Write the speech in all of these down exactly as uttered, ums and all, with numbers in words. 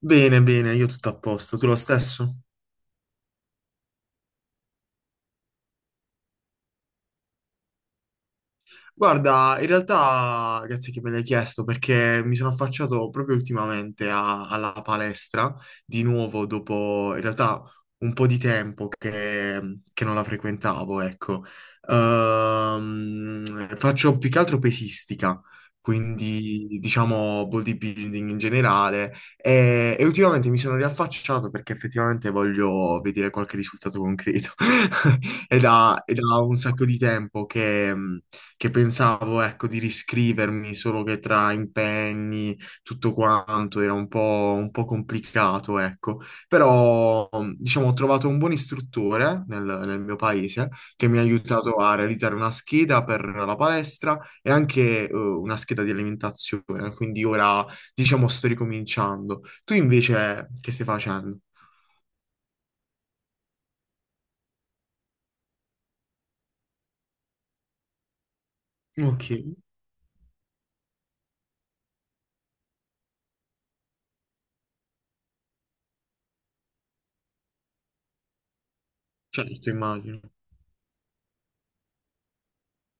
Bene, bene, io tutto a posto. Tu lo stesso? Guarda, in realtà, grazie che me l'hai chiesto perché mi sono affacciato proprio ultimamente a- alla palestra, di nuovo dopo in realtà un po' di tempo che, che non la frequentavo, ecco. Ehm, faccio più che altro pesistica, quindi diciamo bodybuilding in generale e, e ultimamente mi sono riaffacciato perché effettivamente voglio vedere qualche risultato concreto. È da, è da un sacco di tempo che che pensavo, ecco, di riscrivermi, solo che tra impegni, tutto quanto era un po', un po' complicato, ecco. Però, diciamo, ho trovato un buon istruttore nel, nel mio paese che mi ha aiutato a realizzare una scheda per la palestra e anche, eh, una scheda di alimentazione. Quindi ora, diciamo, sto ricominciando. Tu invece che stai facendo? Ok, certo, immagino.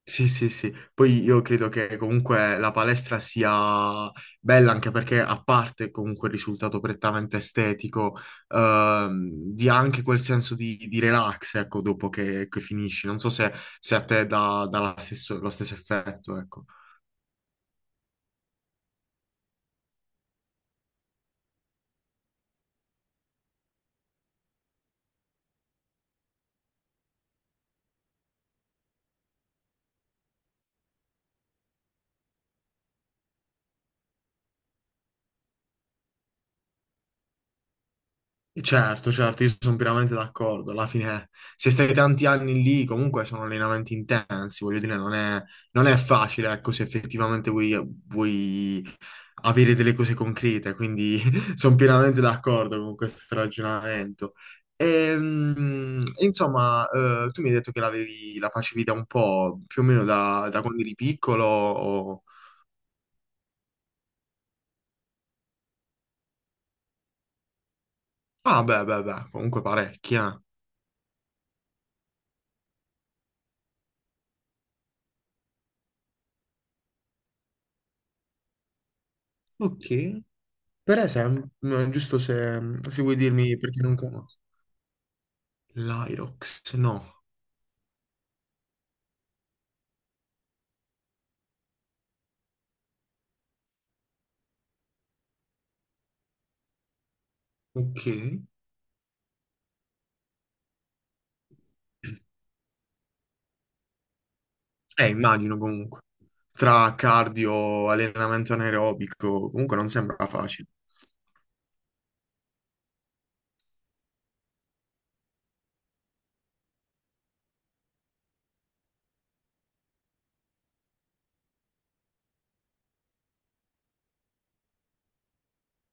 Sì, sì, sì. Poi io credo che comunque la palestra sia bella anche perché a parte comunque il risultato prettamente estetico, ehm, dia anche quel senso di, di relax, ecco, dopo che, che finisci. Non so se, se a te dà, dà la stesso- lo stesso effetto, ecco. Certo, certo, io sono pienamente d'accordo. Alla fine, se stai tanti anni lì, comunque sono allenamenti intensi, voglio dire, non è, non è facile, ecco, se effettivamente vuoi, vuoi avere delle cose concrete, quindi sono pienamente d'accordo con questo ragionamento. Ehm, insomma, eh, tu mi hai detto che l'avevi, la facevi da un po', più o meno da, da quando eri piccolo, o... Ah, beh, beh, beh, comunque parecchia. Ok. Per esempio, no, giusto se, se vuoi dirmi perché non conosco. L'Irox, no. Ok. Eh, immagino comunque. Tra cardio, allenamento anaerobico, comunque non sembra facile.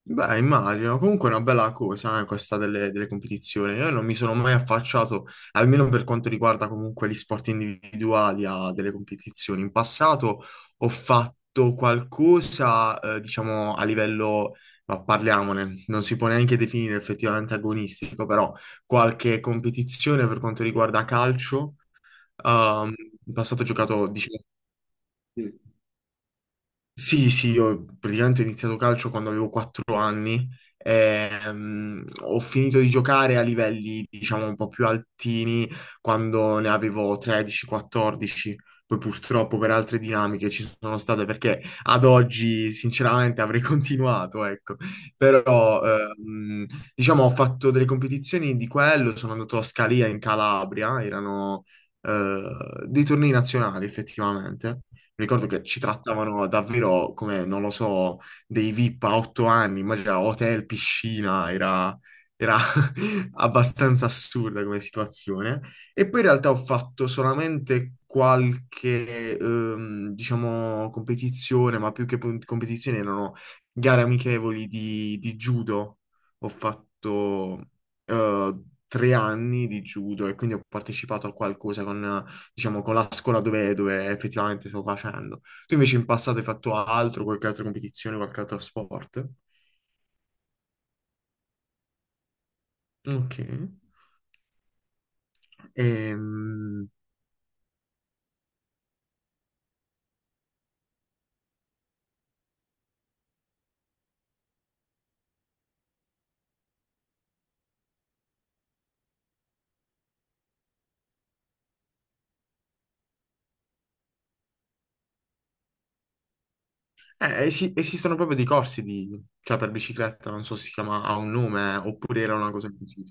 Beh, immagino, comunque è una bella cosa, eh, questa delle, delle competizioni. Io non mi sono mai affacciato, almeno per quanto riguarda comunque gli sport individuali, a delle competizioni. In passato ho fatto qualcosa, eh, diciamo, a livello, ma parliamone, non si può neanche definire effettivamente agonistico, però qualche competizione per quanto riguarda calcio. ehm, In passato ho giocato, diciamo... Sì, sì, io praticamente ho iniziato calcio quando avevo quattro anni. Ehm, ho finito di giocare a livelli, diciamo, un po' più altini quando ne avevo tredici o quattordici. Poi purtroppo per altre dinamiche ci sono state perché ad oggi sinceramente avrei continuato, ecco. Però ehm, diciamo ho fatto delle competizioni di quello, sono andato a Scalia in Calabria, erano eh, dei tornei nazionali effettivamente. Mi ricordo che ci trattavano davvero come, non lo so, dei VIP a otto anni, immagina hotel, piscina, era, era abbastanza assurda come situazione. E poi in realtà ho fatto solamente qualche, ehm, diciamo, competizione, ma più che pun- competizioni erano gare amichevoli di, di judo. Ho fatto eh, tre anni di judo e quindi ho partecipato a qualcosa con diciamo, con la scuola dove, dove effettivamente stavo facendo. Tu invece in passato hai fatto altro, qualche altra competizione, qualche altro sport? Ok. Ehm, eh, esi- Esistono proprio dei corsi di, cioè per bicicletta, non so se si chiama, ha un nome, eh, oppure era una cosa così.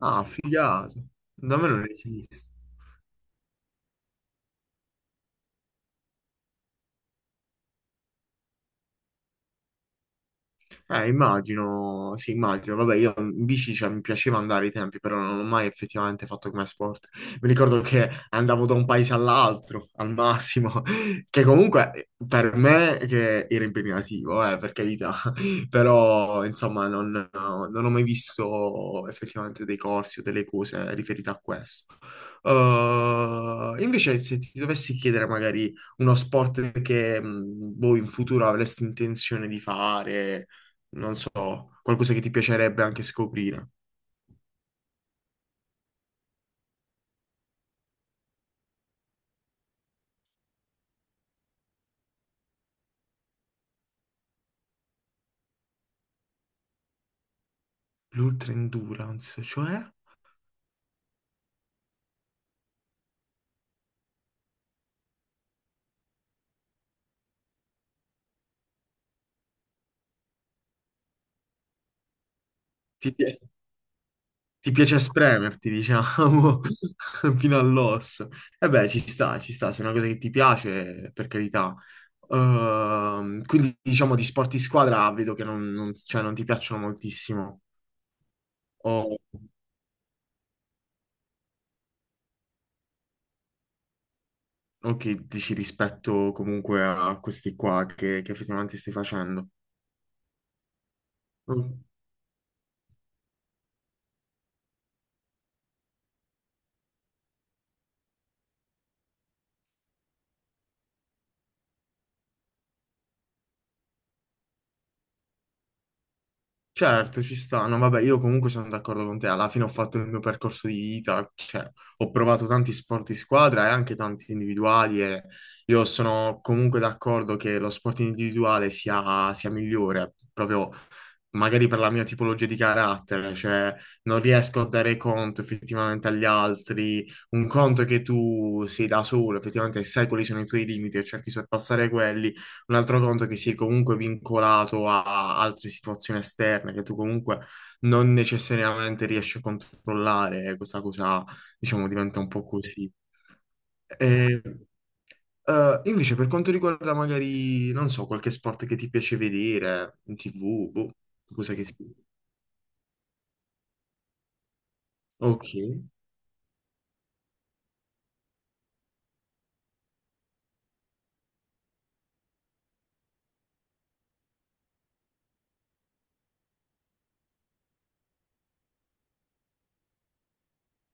Ah, figato. Da me non esiste. Eh, immagino, sì, immagino. Vabbè, io in bici, cioè, mi piaceva andare ai tempi, però non l'ho mai effettivamente fatto come sport. Mi ricordo che andavo da un paese all'altro, al massimo, che comunque per me che era impegnativo, eh, per carità. Però, insomma, non, non ho mai visto effettivamente dei corsi o delle cose riferite a questo. Eh, invece, se ti dovessi chiedere magari uno sport che, mh, boh, in futuro avresti intenzione di fare non so, qualcosa che ti piacerebbe anche scoprire. L'ultra endurance, cioè ti, pi- ti piace spremerti, diciamo, fino all'osso. E beh, ci sta, ci sta, se è una cosa che ti piace, per carità. Ehm, quindi diciamo di sport di squadra vedo che non, non- cioè, non ti piacciono moltissimo. O, o che dici rispetto comunque a questi qua che, che effettivamente stai facendo. Certo, ci sta. No, vabbè, io comunque sono d'accordo con te. Alla fine ho fatto il mio percorso di vita, cioè ho provato tanti sport di squadra e anche tanti individuali e io sono comunque d'accordo che lo sport individuale sia, sia migliore, proprio magari per la mia tipologia di carattere, cioè non riesco a dare conto effettivamente agli altri. Un conto è che tu sei da solo, effettivamente sai quali sono i tuoi limiti e cerchi di sorpassare quelli. Un altro conto è che sei comunque vincolato a altre situazioni esterne che tu comunque non necessariamente riesci a controllare. e Questa cosa, diciamo, diventa un po' così. E, eh, Invece, per quanto riguarda magari, non so, qualche sport che ti piace vedere in tivù, boh, cosa che sia. Ok,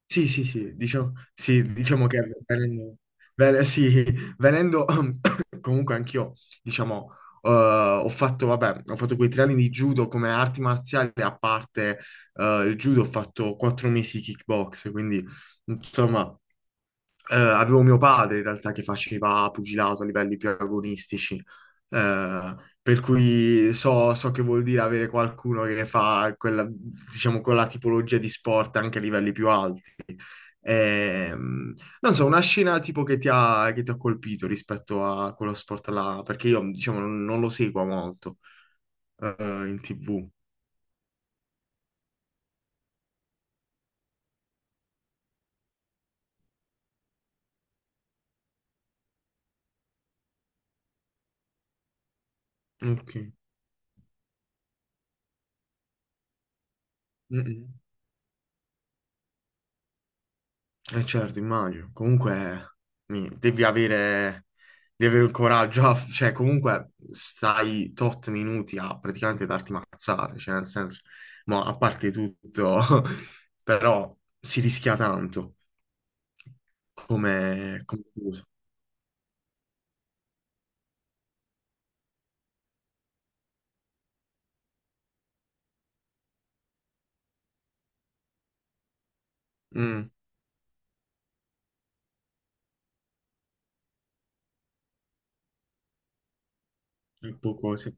sì, sì, sì, diciamo, sì, diciamo che venendo, ven- sì, venendo comunque anch'io, diciamo, eh, ho fatto, vabbè, ho fatto quei tre anni di judo come arti marziali, a parte eh, il judo ho fatto quattro mesi di kickbox, quindi insomma, Eh, avevo mio padre in realtà che faceva pugilato a livelli più agonistici, eh, per cui so, so che vuol dire avere qualcuno che fa quella, diciamo, quella tipologia di sport anche a livelli più alti. Ehm, Non so, una scena tipo che ti ha, che ti ha colpito rispetto a quello sport là, perché io diciamo non, non lo seguo molto, eh, in tivù. Ok. Mm-mm. Eh certo, immagino. Comunque mi- devi avere, devi avere, il coraggio, a- cioè comunque stai tot minuti a praticamente darti mazzate, cioè nel senso, ma a parte tutto, però si rischia tanto come, come cosa. Mm, un po' così.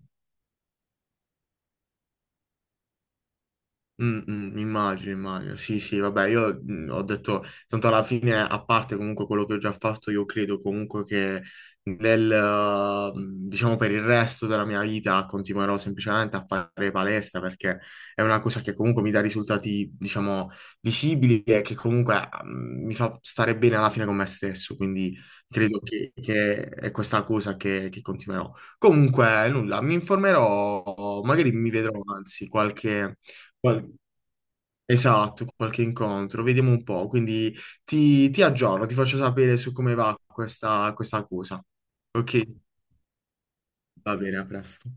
Mm, mm, immagino, immagino. Sì, sì, vabbè, io mm, ho detto, tanto alla fine, a parte comunque quello che ho già fatto, io credo comunque che nel, eh, diciamo, per il resto della mia vita continuerò semplicemente a fare palestra perché è una cosa che comunque mi dà risultati, diciamo, visibili e che comunque mm, mi fa stare bene alla fine con me stesso, quindi credo che, che è questa cosa che, che continuerò. Comunque, nulla, mi informerò, magari mi vedrò, anzi, qualche... Qual- Esatto, qualche incontro, vediamo un po'. Quindi ti, ti aggiorno, ti faccio sapere su come va questa, questa cosa. Ok, va bene, a presto.